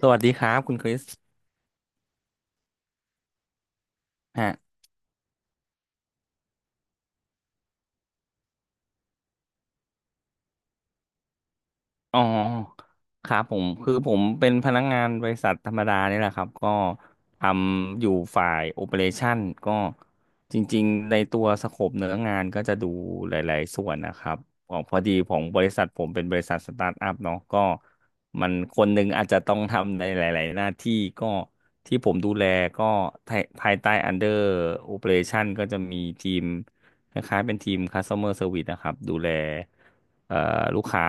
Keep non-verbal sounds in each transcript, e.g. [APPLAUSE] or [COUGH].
สวัสดีครับคุณคริสฮะ อ๋อครับผมคือผมเป็นพนักงานบริษัทธรรมดานี่แหละครับก็ทำอยู่ฝ่ายโอเปอเรชันก็จริงๆในตัวสโคปเนื้องานก็จะดูหลายๆส่วนนะครับของพอดีของบริษัทผมเป็นบริษัทสตาร์ทอัพเนาะก็มันคนหนึ่งอาจจะต้องทำในหลายๆหน้าที่ก็ที่ผมดูแลก็ภายใต้ Under Operation ก็จะมีทีมคล้ายๆเป็นทีม Customer Service นะครับดูแลเอ่อลูกค้า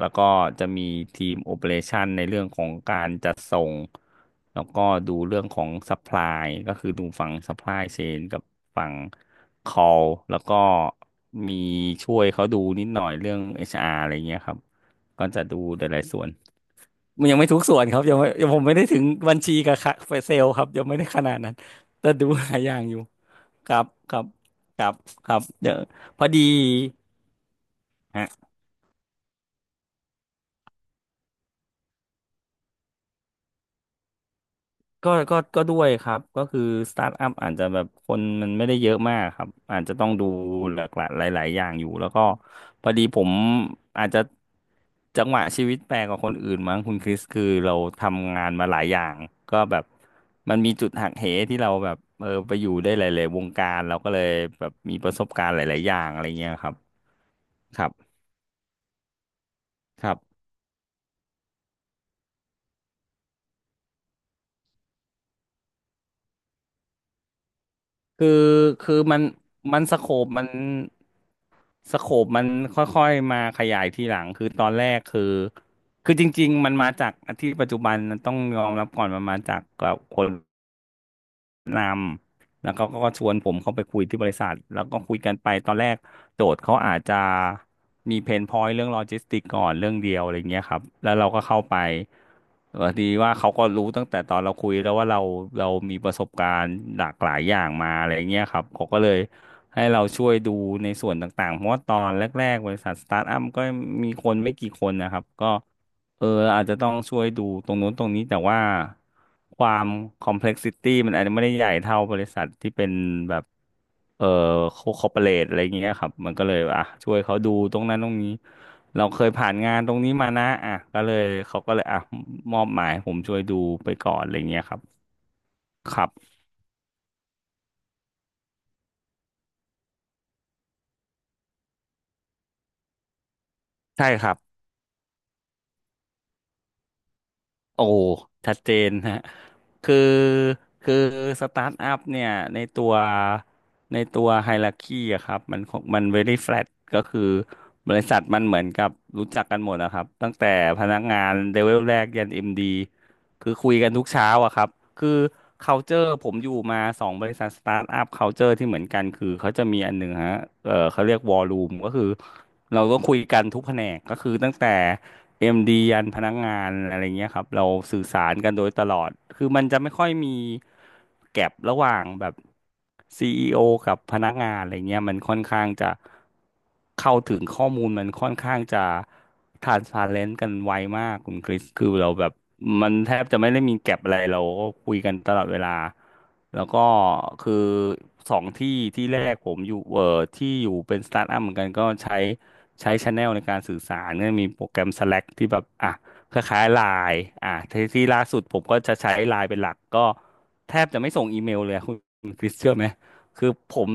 แล้วก็จะมีทีมโอ e r a t i o n ในเรื่องของการจัดส่งแล้วก็ดูเรื่องของ Supply ก็คือดูฝั่ง Supply Chain กับฝั่ง Call แล้วก็มีช่วยเขาดูนิดหน่อยเรื่อง HR อชอาร์อะไรเงี้ยครับก็จะดูหลายๆส่วนมันยังไม่ทุกส่วนครับยังไม่ยังผมไม่ได้ถึงบัญชีกับค่ะเซลล์ครับยังไม่ได้ขนาดนั้นแต่ดูหลายอย่างอยู่ครับครับครับครับเดี๋ยวพอดี ก็ด้วยครับก็คือสตาร์ทอัพอาจจะแบบคนมันไม่ได้เยอะมากครับอาจจะต้องดูหลากหลายหลายๆอย่างอยู่แล้วก็พอดีผมอาจจะจังหวะชีวิตแปลกกว่าคนอื่นมั้งคุณคริสคือเราทำงานมาหลายอย่างก็แบบมันมีจุดหักเหที่เราแบบไปอยู่ได้หลายๆวงการเราก็เลยแบบมีประสบการณ์หลายๆอย่างอะไรเงี้ยครับครับครับ คือคือมันสโคปมันค่อยๆมาขยายทีหลังคือตอนแรกคือจริงๆมันมาจากที่ปัจจุบันต้องยอมรับก่อนมันมาจากกับคน นำแล้วเขาก็ชวนผมเข้าไปคุยที่บริษัทแล้วก็คุยกันไปตอนแรกโจทย์เขาอาจจะมีเพนพอยต์เรื่องโลจิสติกก่อนเรื่องเดียวอะไรเงี้ยครับแล้วเราก็เข้าไปดีว่าเขาก็รู้ตั้งแต่ตอนเราคุยแล้วว่าเรามีประสบการณ์หลากหลายอย่างมาอะไรเงี้ยครับเขาก็เลยให้เราช่วยดูในส่วนต่างๆเพราะว่าตอนแรกๆบริษัทสตาร์ทอัพก็มีคนไม่กี่คนนะครับก็ เอออาจจะต้องช่วยดูตรงนู้นตรงนี้แต่ว่าความคอมเพล็กซิตี้มันอาจจะไม่ได้ใหญ่เท่าบริษัทที่เป็นแบบเออคอร์ปอเรทอะไรอย่างเงี้ยครับมันก็เลยอ่ะช่วยเขาดูตรงนั้นตรงนี้เราเคยผ่านงานตรงนี้มานะอ่ะก็เลยเขาก็เลยอ่ะมอบหมายให้ผมช่วยดูไปก่อนอะไรเงี้ยครับครับใช่ครับ โอ้ชัดเจนฮะคือคือสตาร์ทอัพเนี่ยในตัวในตัวไฮรักคีอะครับมันของมัน very flat ก็คือบริษัทมันเหมือนกับรู้จักกันหมดนะครับตั้งแต่พนักงานเลเวลแรกยันเอ็มดีคือคุยกันทุกเช้าอะครับคือ culture ผมอยู่มาสองบริษัทสตาร์ทอัพ culture ที่เหมือนกันคือเขาจะมีอันหนึ่งฮะเขาเรียกวอลลุ่มก็คือ เราก็คุยกันทุกแผนกก็คือตั้งแต่เอ็มดียันพนักงานอะไรเงี้ยครับ เราสื่อสารกันโดยตลอด คือมันจะไม่ค่อยมีแก็บระหว่างแบบซีอีโอกับพนักงานอะไรเงี้ยมันค่อนข้างจะเข้าถึงข้อมูลมันค่อนข้างจะ transparent กันไวมากคุณคริสคือเราแบบมันแทบจะไม่ได้มีแก็บอะไรเราก็คุยกันตลอดเวลา แล้วก็คือสองที่ที่แรกผมอยู่ที่อยู่เป็นสตาร์ทอัพเหมือนกันก็ใช้ ใช้ช n แนลในการสื่อสารเน่มีโปรแกรม Slack ที่แบบอ่ะคล้ายๆไลน์อ่ะที่ที่ล่าสุดผมก็จะใช้ไลน์เป็นหลักก็แทบจะไม่ส่งอีเมลเลยอะคุณคริสเชื่อไหมคือผม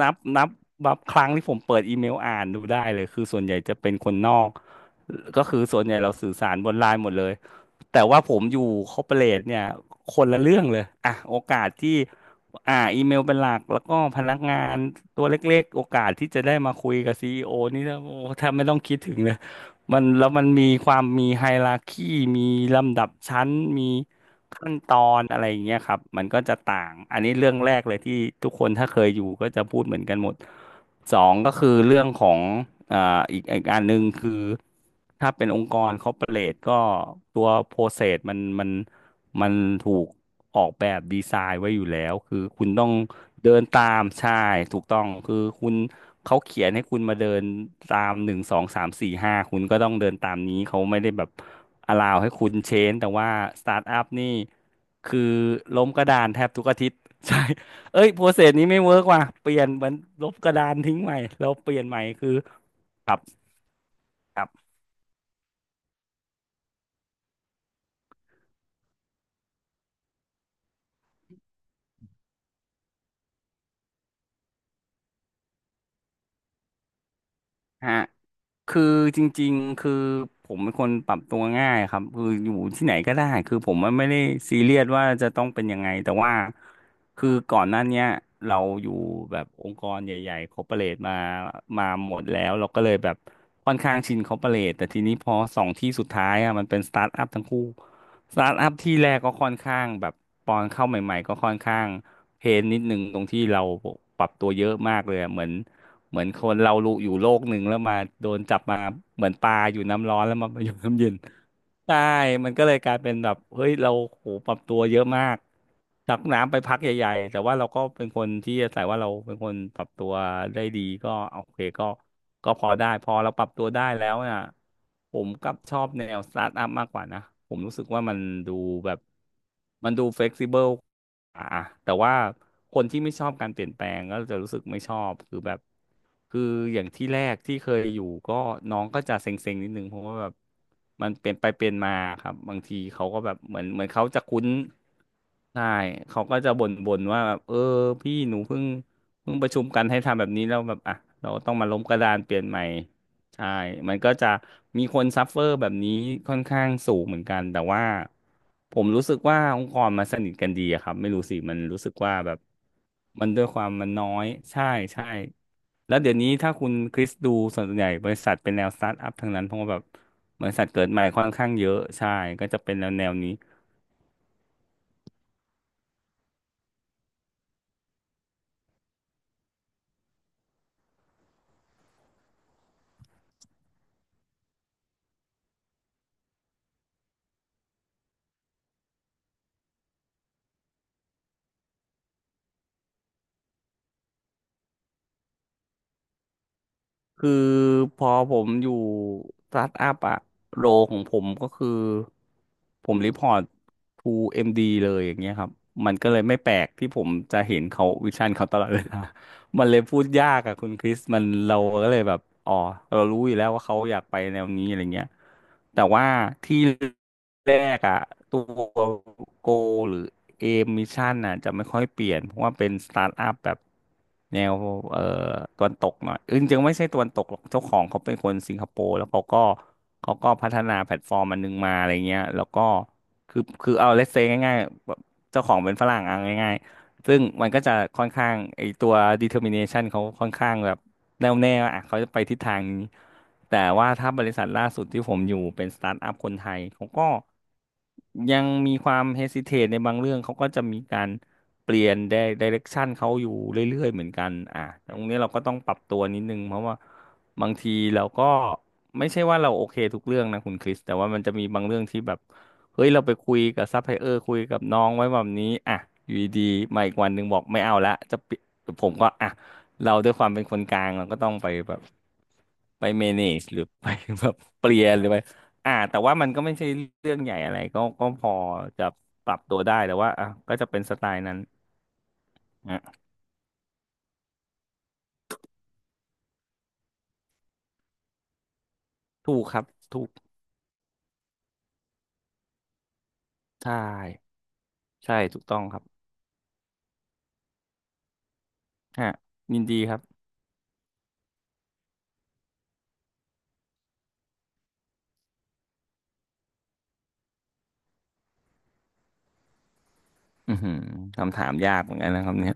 นับนับนับครั้งที่ผมเปิดอีเมลอ่านดูได้เลยคือส่วนใหญ่จะเป็นคนนอกก็คือส่วนใหญ่เราสื่อสารบนไลน์หมดเลยแต่ว่าผมอยู่คอร์ปอเรทเนี่ยคนละเรื่องเลยอ่ะโอกาสที่ อีเมลเป็นหลักแล้วก็พนักงานตัวเล็กๆโอกาสที่จะได้มาคุยกับซีอีโอนี่นะโอ้แทบไม่ต้องคิดถึงเลยมันแล้วมันมีความมีไฮราคีมีลำดับชั้นมีขั้นตอนอะไรอย่างเงี้ยครับมันก็จะต่างอันนี้เรื่องแรกเลยที่ทุกคนถ้าเคยอยู่ก็จะพูดเหมือนกันหมดสองก็คือเรื่องของอ่าอีกอันหนึ่งคือถ้าเป็นองค์กรคอร์ปอเรทก็ตัวโปรเซสมัน มันถูกออกแบบดีไซน์ไว้อยู่แล้วคือคุณต้องเดินตามใช่ถูกต้องคือคุณเขาเขียนให้คุณมาเดินตามหนึ่งสองสามสี่ห้าคุณก็ต้องเดินตามนี้เขาไม่ได้แบบอลาวให้คุณเชนแต่ว่าสตาร์ทอัพนี่คือล้มกระดานแทบทุกอาทิตย์ [LAUGHS] ใช่เอ้ยโปรเซสนี้ไม่เวิร์กว่ะเปลี่ยนมันลบกระดานทิ้งใหม่แล้วเปลี่ยนใหม่คือครับ ฮะคือจริงๆคือผมเป็นคนปรับตัวง่ายครับคืออยู่ที่ไหนก็ได้คือผมมันไม่ได้ซีเรียสว่าจะต้องเป็นยังไงแต่ว่าคือก่อนหน้าเนี้ยเราอยู่แบบองค์กรใหญ่ๆคอร์ปอเรทมามาหมดแล้วเราก็เลยแบบค่อนข้างชินคอร์ปอเรทแต่ทีนี้พอสองที่สุดท้ายอ่ะมันเป็นสตาร์ทอัพทั้งคู่สตาร์ทอัพที่แรกก็ค่อนข้างแบบตอนเข้าใหม่ๆก็ค่อนข้างเพนนิดนึงตรงที่เราปรับตัวเยอะมากเลยอะเหมือน เหมือนคนเรารู้อยู่โลกหนึ่งแล้วมาโดนจับมาเหมือนปลาอยู่น้ำร้อนแล้วมาอยู่น้ำเย็นใช่มันก็เลยกลายเป็นแบบเฮ้ยเราโหปรับตัวเยอะมากจากน้ำไปพักใหญ่ๆแต่ว่าเราก็เป็นคนที่อาศัยว่าเราเป็นคนปรับตัวได้ดีก็โอเคก็พอได้พอเราปรับตัวได้แล้วน่ะผมกลับชอบแนวสตาร์ทอัพมากกว่านะผมรู้สึกว่ามันดูแบบมันดูเฟ e ซิเบิล อ่ะแต่ว่าคนที่ไม่ชอบการเปลี่ยนแปลงก็จะรู้สึกไม่ชอบคือแบบคืออย่างที่แรกที่เคยอยู่ก็น้องก็จะเซ็งๆนิดนึงเพราะว่าแบบมันเปลี่ยนไปเปลี่ยนมาครับบางทีเขาก็แบบเหมือนเขาจะคุ้นใช่เขาก็จะบ่นๆว่าแบบเออพี่หนูเพิ่งประชุมกันให้ทำแบบนี้แล้วแบบอ่ะเราต้องมาล้มกระดานเปลี่ยนใหม่ ใช่มันก็จะมีคนซัฟเฟอร์แบบนี้ค่อนข้างสูงเหมือนกัน แต่ว่าผมรู้สึกว่าองค์กรมันสนิทกันดีอะครับ ไม่รู้สิ มันรู้สึกว่าแบบมันด้วยความมันน้อย ใช่ใช่แล้วเดี๋ยวนี้ถ้าคุณคริสดูส่วนใหญ่บริษัทเป็นแนวสตาร์ทอัพทั้งนั้นเพราะว่าแบบบริษัทเกิดใหม่ค่อนข้างเยอะ ใช่ ก็จะเป็นแนวแนวนี้ คือพอผมอยู่สตาร์ทอัพอะโรของผมก็คือผมรีพอร์ต to เอ็มดีเลยอย่างเงี้ยครับมันก็เลยไม่แปลกที่ผมจะเห็นเขาวิชั่นเขาตลอดเวลา [LAUGHS] มันเลยพูดยากอะคุณคริสมันเราก็เลยแบบอ๋อเรารู้อยู่แล้วว่าเขาอยากไปแนวนี้อะไรเงี้ยแต่ว่าที่แรกอะตัวโกหรือ เกมมิชชั่นน่ะจะไม่ค่อยเปลี่ยนเพราะว่าเป็นสตาร์ทอัพแบบแนวเอ่อตะวันตกหน่อยจริงๆไม่ใช่ตะวันตกหรอกเจ้าของเขาเป็นคนสิงคโปร์แล้วเขาก็พัฒนาแพลตฟอร์มอันนึงมาอะไรเงี้ยแล้วก็คือเอาเล s เซง่ายๆแบบเจ้าของเป็นฝรั่งเอาง่าย ซึ่งมันก็จะค่อนข้างไอตัว determination เขาค่อนข้างแบบแน่วแน่ว่าอ่ะเขาจะไปทิศทางนี้แต่ว่าถ้าบริษัทล่าสุดที่ผมอยู่เป็นสตาร์ทอัพคนไทยเขาก็ยังมีความ hesitate ในบางเรื่องเขาก็จะมีการเปลี่ยน direction เขาอยู่เรื่อยๆเหมือนกันอ่ะตรงนี้เราก็ต้องปรับตัวนิดนึงเพราะว่าบางทีเราก็ไม่ใช่ว่าเราโอเคทุกเรื่องนะคุณคริสแต่ว่ามันจะมีบางเรื่องที่แบบ เฮ้ยเราไปคุยกับซัพพลายเออร์คุยกับน้องไว้แบบนี้อ่ะอยู่ดีๆมาอีกวันหนึ่งบอกไม่เอาละจะปิดผมก็อ่ะเราด้วยความเป็นคนกลางเราก็ต้องไปแบบไปเมเนจหรือ [LAUGHS] ไปแบบเปลี่ยนหรือไปอ่ะแต่ว่ามันก็ไม่ใช่เรื่องใหญ่อะไรก็พอจะปรับตัวได้แต่ว่าอ่ะก็จะเป็นสไตล์นั้นอ่ะถูกครับถูกใช่ใช่ถูกต้องครับฮะยินดีครับอือหือคำถามยากเหมือนกันนะครับเนี่ย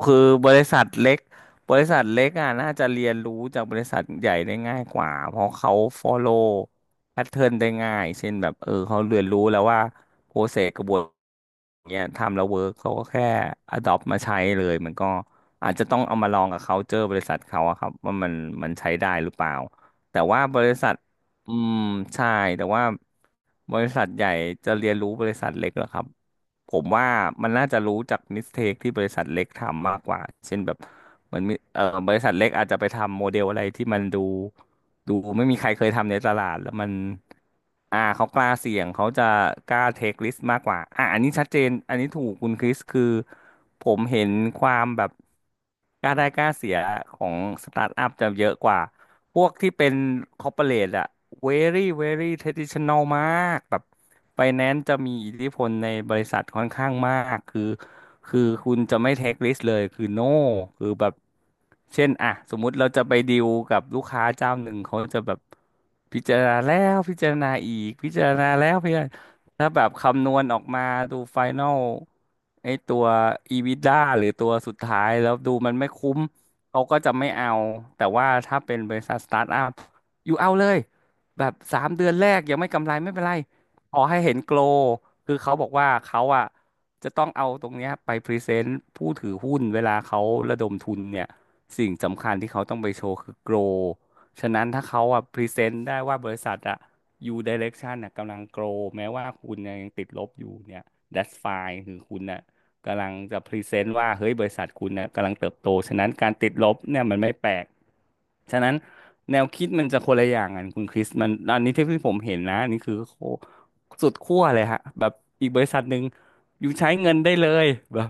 คือบริษัทเล็กบริษัทเล็กอ่ะน่าจะเรียนรู้จากบริษัทใหญ่ได้ง่ายกว่าเพราะเขา follow pattern ได้ง่ายเช่นแบบเออเขาเรียนรู้แล้วว่า process กระบวนเนี่ยทำแล้วเวิร์กเขาก็แค่ adopt มาใช้เลยมันก็อาจจะต้องเอามาลองกับ culture บริษัทเขาอะครับว่ามันใช้ได้หรือเปล่าแต่ว่าบริษัทอืมใช่แต่ว่าบริษัทใหญ่จะเรียนรู้บริษัทเล็กเหรอครับ ผมว่ามันน่าจะรู้จากมิสเทคที่บริษัทเล็กทำมากกว่าเช่นแบบเหมันมเอ่อบริษัทเล็กอาจจะไปทำโมเดลอะไรที่มันดูไม่มีใครเคยทำในตลาดแล้วมันอ่าเขากล้าเสี่ยงเขาจะกล้าเทคริสมากกว่าอ่าอันนี้ชัดเจนอันนี้ถูกคุณคริสคือผมเห็นความแบบกล้าได้กล้าเสียของสตาร์ทอัพจะเยอะกว่า พวกที่เป็นคอร์ปอเรทอะ very very traditional มากแบบไฟแนนซ์จะมีอิทธิพลในบริษัทค่อนข้างมากคือคุณจะไม่ take risk เลยคือ no คือแบบเช่นอะสมมุติเราจะไปดีลกับลูกค้าเจ้าหนึ่งเขาจะแบบพิจารณาแล้วพิจารณาอีกพิจารณาแล้วพิจารณาถ้าแบบคำนวณออกมาดูไฟน a ลไอตัว EBITDA หรือตัวสุดท้ายแล้วดูมันไม่คุ้ม เขาก็จะไม่เอาแต่ว่าถ้าเป็นบริษัทสตาร์ทอัพอยู่เอาเลยแบบ3 เดือนแรกยังไม่กำไรไม่เป็นไรขอให้เห็นโกลคือเขาบอกว่าเขาอ่ะจะต้องเอาตรงเนี้ยไปพรีเซนต์ผู้ถือหุ้นเวลาเขาระดมทุนเนี่ยสิ่งสำคัญที่เขาต้องไปโชว์คือโกลฉะนั้นถ้าเขาอ่ะพรีเซนต์ได้ว่าบริษัทอ่ะยูไดเรกชันน่ะกำลังโกรแม้ว่าคุณเนี่ยยังติดลบอยู่เนี่ย that's fine คือคุณน่ะ กำลังจะพรีเซนต์ว่าเฮ้ยบริษัทคุณนะกำลังเติบโตฉะนั้นการติดลบเนี่ยมันไม่แปลกฉะนั้นแนวคิดมันจะคนละอย่างกันคุณคริสมันอันนี้ที่ผมเห็นนะอันนี่คือโคสุดขั้วเลยฮะแบบอีกบริษัทหนึ่งอยู่ใช้เงินได้เลยแบบ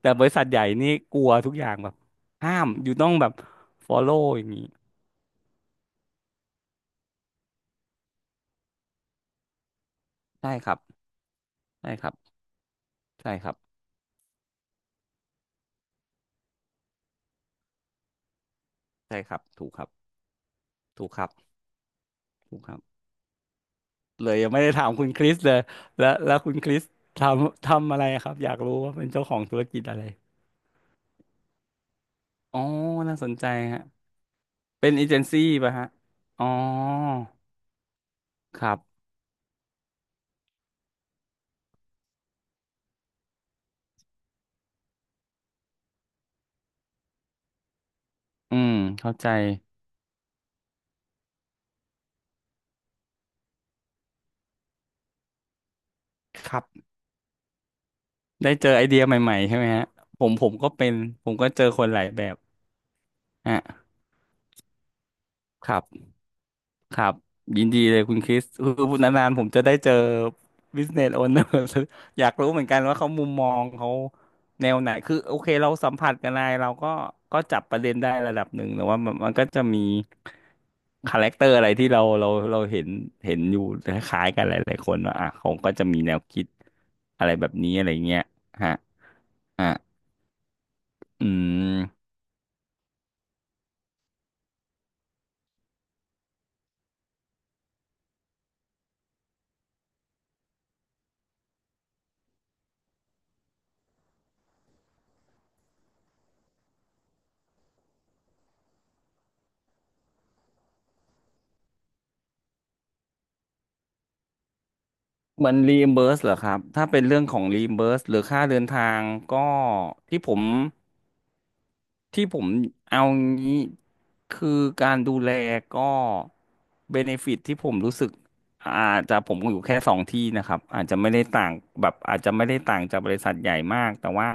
แต่บริษัทใหญ่นี่กลัวทุกอย่างแบบห้ามอยู่ต้องแบบ follow อย่างนี้ใช่ครับใช่ครับใช่ครับใช่ครับถูกครับถูกครับถูกครับ เลยยังไม่ได้ถามคุณคริสเลยแล้วคุณคริสทำอะไรครับอยากรู้ว่าเป็นเจ้าของธุรกิจอะไรอ๋อน่าสนใจฮะเป็นเอเจนซี่ป่ะฮะอ๋อครับอืมเข้าใจครับได้เจอไอเดียใหม่ๆใช่ไหมฮะผมก็เป็นผมก็เจอคนหลายแบบฮะครับ ครับยินดีเลยคุณคริสคือพูดนานๆผมจะได้เจอ business owner [LAUGHS] อยากรู้เหมือนกันว่าเขามุมมองเขาแนวไหนคือโอเคเราสัมผัสกันไลยเราก็ก็จับประเด็นได้ระดับหนึ่งแต่ว่ามันก็จะมีคาแรคเตอร์อะไรที่เราเห็นเห็นอยู่คล้ายๆกันหลายๆคนว่าอ่ะเขาก็จะมีแนวคิดอะไรแบบนี้อะไรเงี้ยฮะอ่ะอืมมันรีเ b ิร์สเหรอครับถ้าเป็นเรื่องของรีเ b ิร์สหรือค่าเดินทางก็ที่ผม ที่ผมเอางี้คือการดูแลก็เบเนฟิตที่ผมรู้สึกอาจจะผมอยู่แค่สองที่นะครับอาจจะไม่ได้ต่างแบบอาจจะไม่ได้ต่างจากบริษัทใหญ่มากแต่ว่า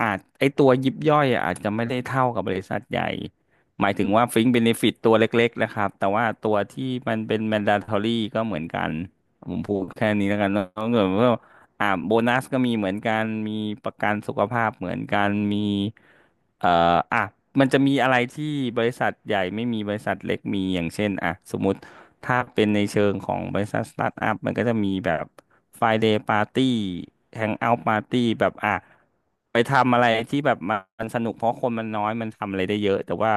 อาจไอตัวยิบย่อยอะอาจจะไม่ได้เท่ากับบริษัทใหญ่หมายถึงว่าฟิงเบเนฟิตตัวเล็กๆนะครับแต่ว่าตัวที่มันเป็น mandatory ก็เหมือนกันผมพูดแค่นี้แล้วกันเนอะ อ่าโบนัสก็มีเหมือนกันมีประกันสุขภาพเหมือนกันมีเอ่ออ่ะมันจะมีอะไรที่บริษัทใหญ่ไม่มีบริษัทเล็กมีอย่างเช่นอ่ะสมมติถ้าเป็นในเชิงของบริษัทสตาร์ทอัพมันก็จะมีแบบ Friday Party Hangout Party แบบอ่ะไปทำอะไรที่แบบมันสนุกเพราะคนมันน้อยมันทำอะไรได้เยอะแต่ว่า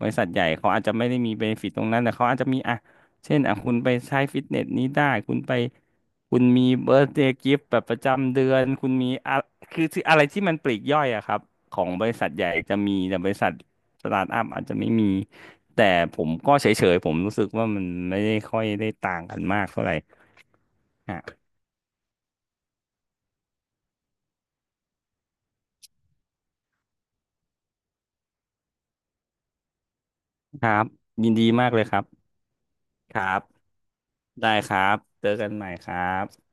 บริษัทใหญ่เขาอาจจะไม่ได้มีเบนฟิตตรงนั้นแต่เขาอาจจะมีอ่ะ เช่นอ่ะคุณไปใช้ฟิตเนสนี้ได้คุณไปคุณมีเบิร์ d เดย์กิฟต์แบบประจำเดือนคุณมีอะคืออะไรที่มันปลีกย่อยอะครับของบริษัทใหญ่จะมีแต่บริษัทสตาร์ทอัพอาจจะไม่มีแต่ผมก็เฉยๆผมรู้สึกว่ามันไม่ได้ค่อยได้ต่างกันมากเท่าไหร่อ่ะครับยินดีมากเลยครับครับได้ครับเจอกันใหม่ครับ